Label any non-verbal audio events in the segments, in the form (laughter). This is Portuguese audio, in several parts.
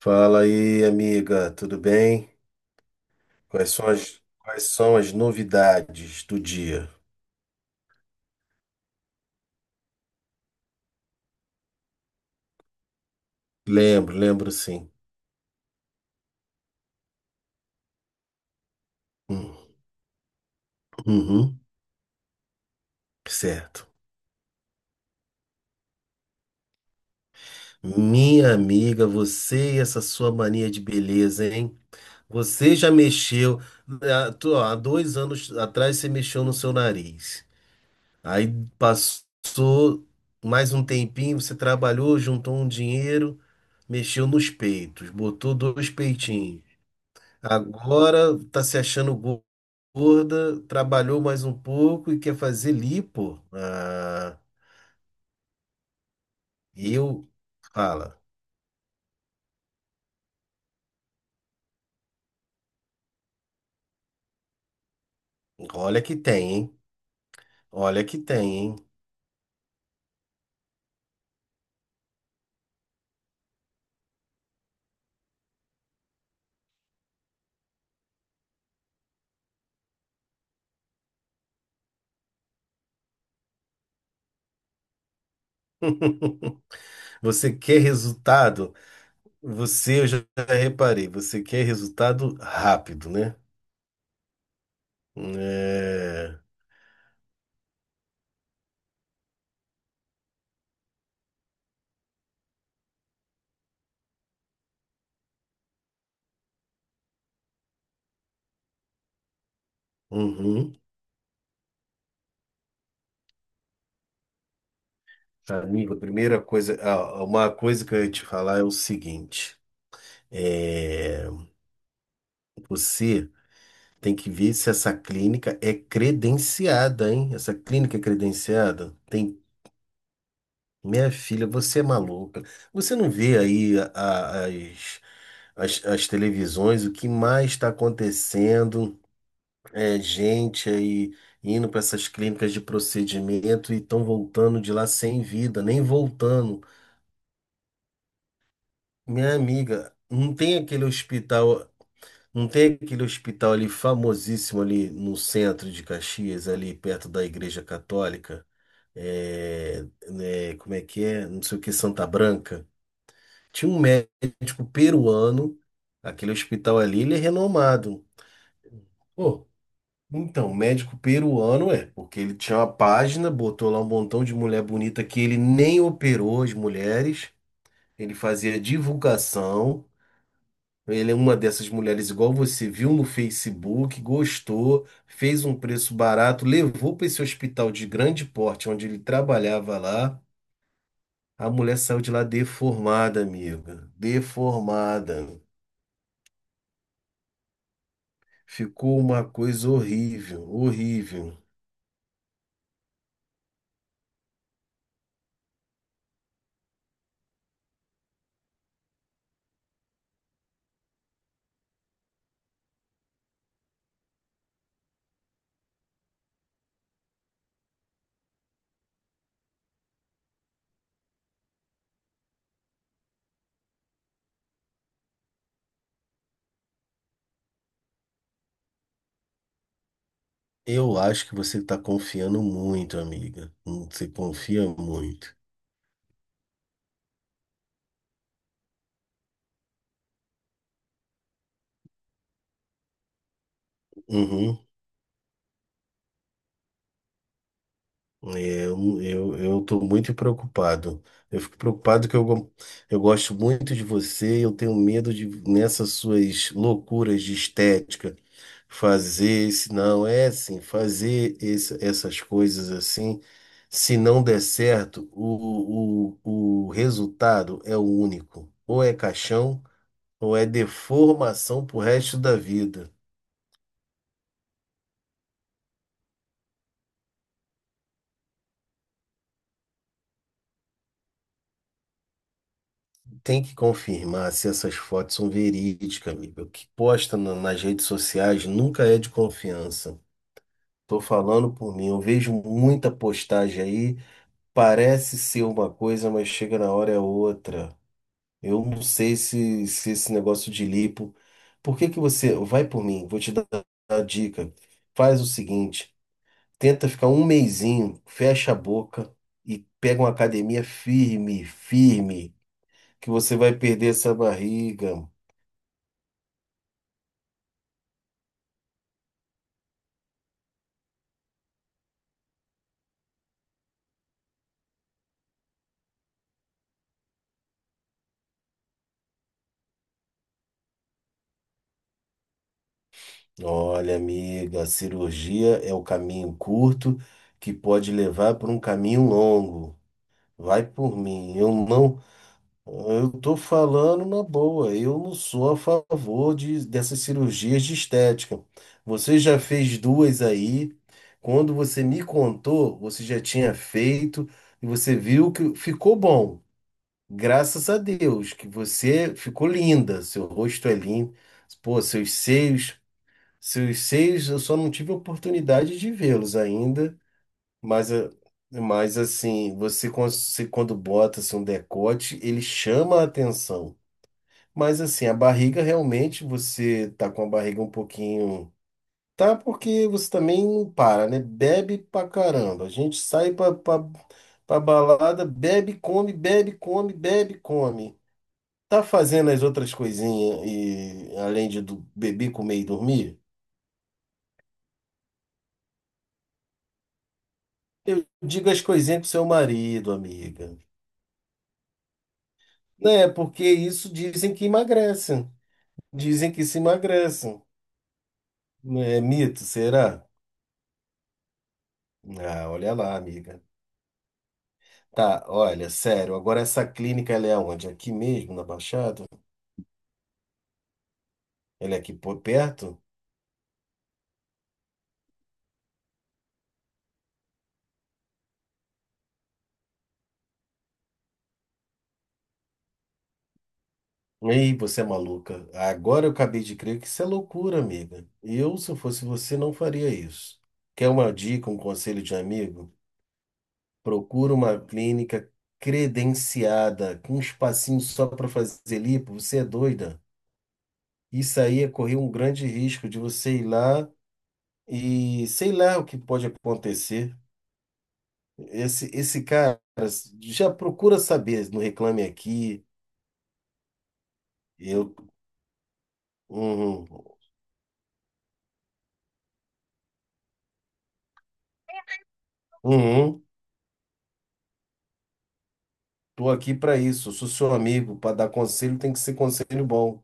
Fala aí, amiga, tudo bem? Quais são as novidades do dia? Lembro, lembro sim. Hum. Uhum. Certo. Minha amiga, você e essa sua mania de beleza, hein? Você já mexeu. Ah, ó, há 2 anos atrás você mexeu no seu nariz. Aí passou mais um tempinho, você trabalhou, juntou um dinheiro, mexeu nos peitos, botou dois peitinhos. Agora tá se achando gorda, trabalhou mais um pouco e quer fazer lipo. Ah, eu, fala, olha que tem, hein? Olha que tem, hein? (laughs) Você quer resultado? Você, eu já reparei, você quer resultado rápido, né? É. Uhum. Amigo, a primeira coisa, ah, uma coisa que eu ia te falar é o seguinte. É, você tem que ver se essa clínica é credenciada, hein? Essa clínica é credenciada? Tem. Minha filha, você é maluca. Você não vê aí as televisões, o que mais está acontecendo? É gente aí indo para essas clínicas de procedimento e estão voltando de lá sem vida, nem voltando. Minha amiga, não tem aquele hospital. Não tem aquele hospital ali famosíssimo ali no centro de Caxias, ali perto da Igreja Católica? É, né, como é que é? Não sei o que, Santa Branca. Tinha um médico peruano, aquele hospital ali, ele é renomado. Pô, então, médico peruano é, porque ele tinha uma página, botou lá um montão de mulher bonita que ele nem operou as mulheres, ele fazia divulgação. Ele é uma dessas mulheres igual você viu no Facebook, gostou, fez um preço barato, levou para esse hospital de grande porte onde ele trabalhava lá. A mulher saiu de lá deformada, amiga. Deformada. Ficou uma coisa horrível, horrível. Eu acho que você está confiando muito, amiga. Você confia muito. Uhum. É, eu tô muito preocupado. Eu fico preocupado que eu gosto muito de você. Eu tenho medo de, nessas suas loucuras de estética, fazer esse, não, é assim, fazer esse, essas coisas assim, se não der certo, o resultado é o único. Ou é caixão, ou é deformação pro resto da vida. Tem que confirmar se essas fotos são verídicas, amigo. O que posta nas redes sociais nunca é de confiança. Tô falando por mim, eu vejo muita postagem aí, parece ser uma coisa, mas chega na hora é outra. Eu não sei se esse negócio de lipo. Por que que você. Vai por mim, vou te dar a dica. Faz o seguinte: tenta ficar um mesinho, fecha a boca e pega uma academia firme, firme, que você vai perder essa barriga. Olha, amiga, a cirurgia é o caminho curto que pode levar para um caminho longo. Vai por mim. Eu não, eu tô falando na boa. Eu não sou a favor dessas cirurgias de estética. Você já fez duas aí. Quando você me contou, você já tinha feito e você viu que ficou bom. Graças a Deus que você ficou linda. Seu rosto é lindo. Pô, seus seios, eu só não tive oportunidade de vê-los ainda, mas, eh, mas assim, você, você quando bota assim, um decote, ele chama a atenção. Mas assim, a barriga realmente, você tá com a barriga um pouquinho. Tá, porque você também não para, né? Bebe pra caramba. A gente sai pra balada, bebe, come, bebe, come, bebe, come. Tá fazendo as outras coisinhas e além de beber, comer e dormir? Eu digo as coisinhas pro seu marido, amiga. Né? Porque isso dizem que emagrecem. Dizem que se emagrecem. É mito, será? Ah, olha lá, amiga. Tá, olha, sério, agora essa clínica ela é onde? Aqui mesmo, na Baixada? Ela é aqui por perto? Ei, você é maluca. Agora eu acabei de crer que isso é loucura, amiga. Eu, se eu fosse você, não faria isso. Quer uma dica, um conselho de amigo? Procura uma clínica credenciada, com um espacinho só para fazer lipo, você é doida. Isso aí é correr um grande risco de você ir lá e sei lá o que pode acontecer. Esse cara já procura saber no Reclame Aqui. Eu, uhum, uhum, tô aqui para isso. Sou seu amigo, para dar conselho tem que ser conselho bom.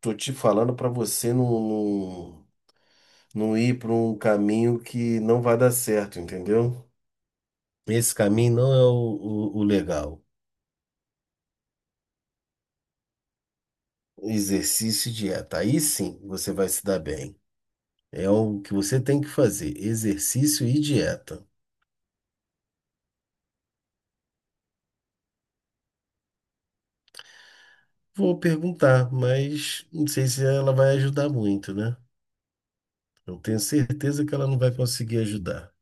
Tô te falando para você não, não, não ir para um caminho que não vai dar certo, entendeu? Esse caminho não é o legal. Exercício e dieta. Aí sim você vai se dar bem. É o que você tem que fazer: exercício e dieta. Vou perguntar, mas não sei se ela vai ajudar muito, né? Eu tenho certeza que ela não vai conseguir ajudar.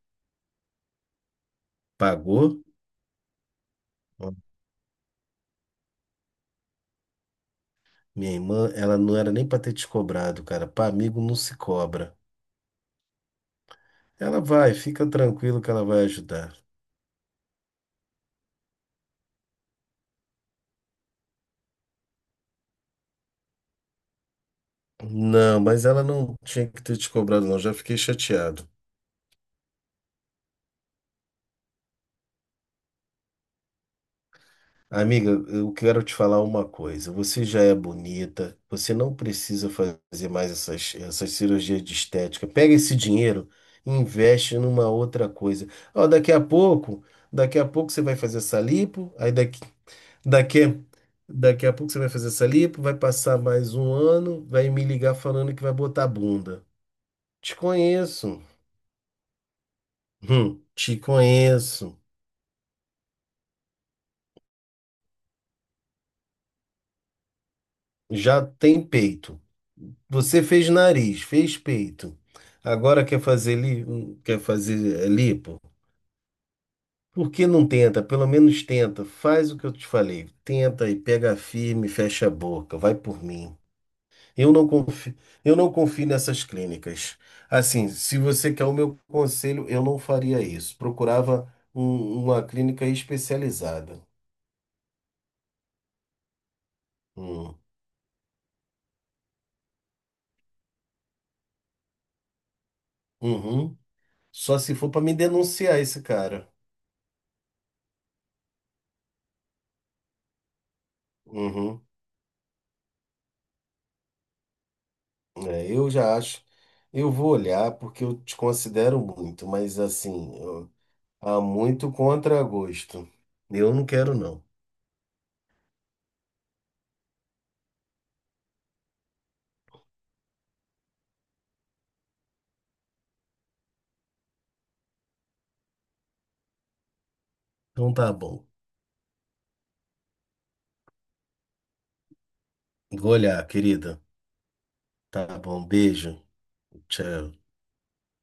Pagou? Ó, minha irmã, ela não era nem para ter te cobrado, cara. Para amigo não se cobra. Ela vai, fica tranquilo que ela vai ajudar. Não, mas ela não tinha que ter te cobrado, não. Já fiquei chateado. Amiga, eu quero te falar uma coisa. Você já é bonita, você não precisa fazer mais essas cirurgias de estética. Pega esse dinheiro e investe numa outra coisa. Ó, daqui a pouco você vai fazer essa lipo, aí daqui, daqui a pouco você vai fazer essa lipo, vai passar mais um ano, vai me ligar falando que vai botar bunda. Te conheço. Te conheço. Já tem peito. Você fez nariz, fez peito. Agora quer fazer lipo? Por que não tenta? Pelo menos tenta. Faz o que eu te falei. Tenta e pega firme, fecha a boca. Vai por mim. Eu não confio, eu não confio nessas clínicas. Assim, se você quer o meu conselho, eu não faria isso. Procurava uma clínica especializada. Hum. Uhum. Só se for para me denunciar esse cara. Uhum. É, eu já acho. Eu vou olhar porque eu te considero muito, mas assim, há muito contragosto. Eu não quero, não. Então tá bom. Vou olhar, querida. Tá bom, beijo. Tchau.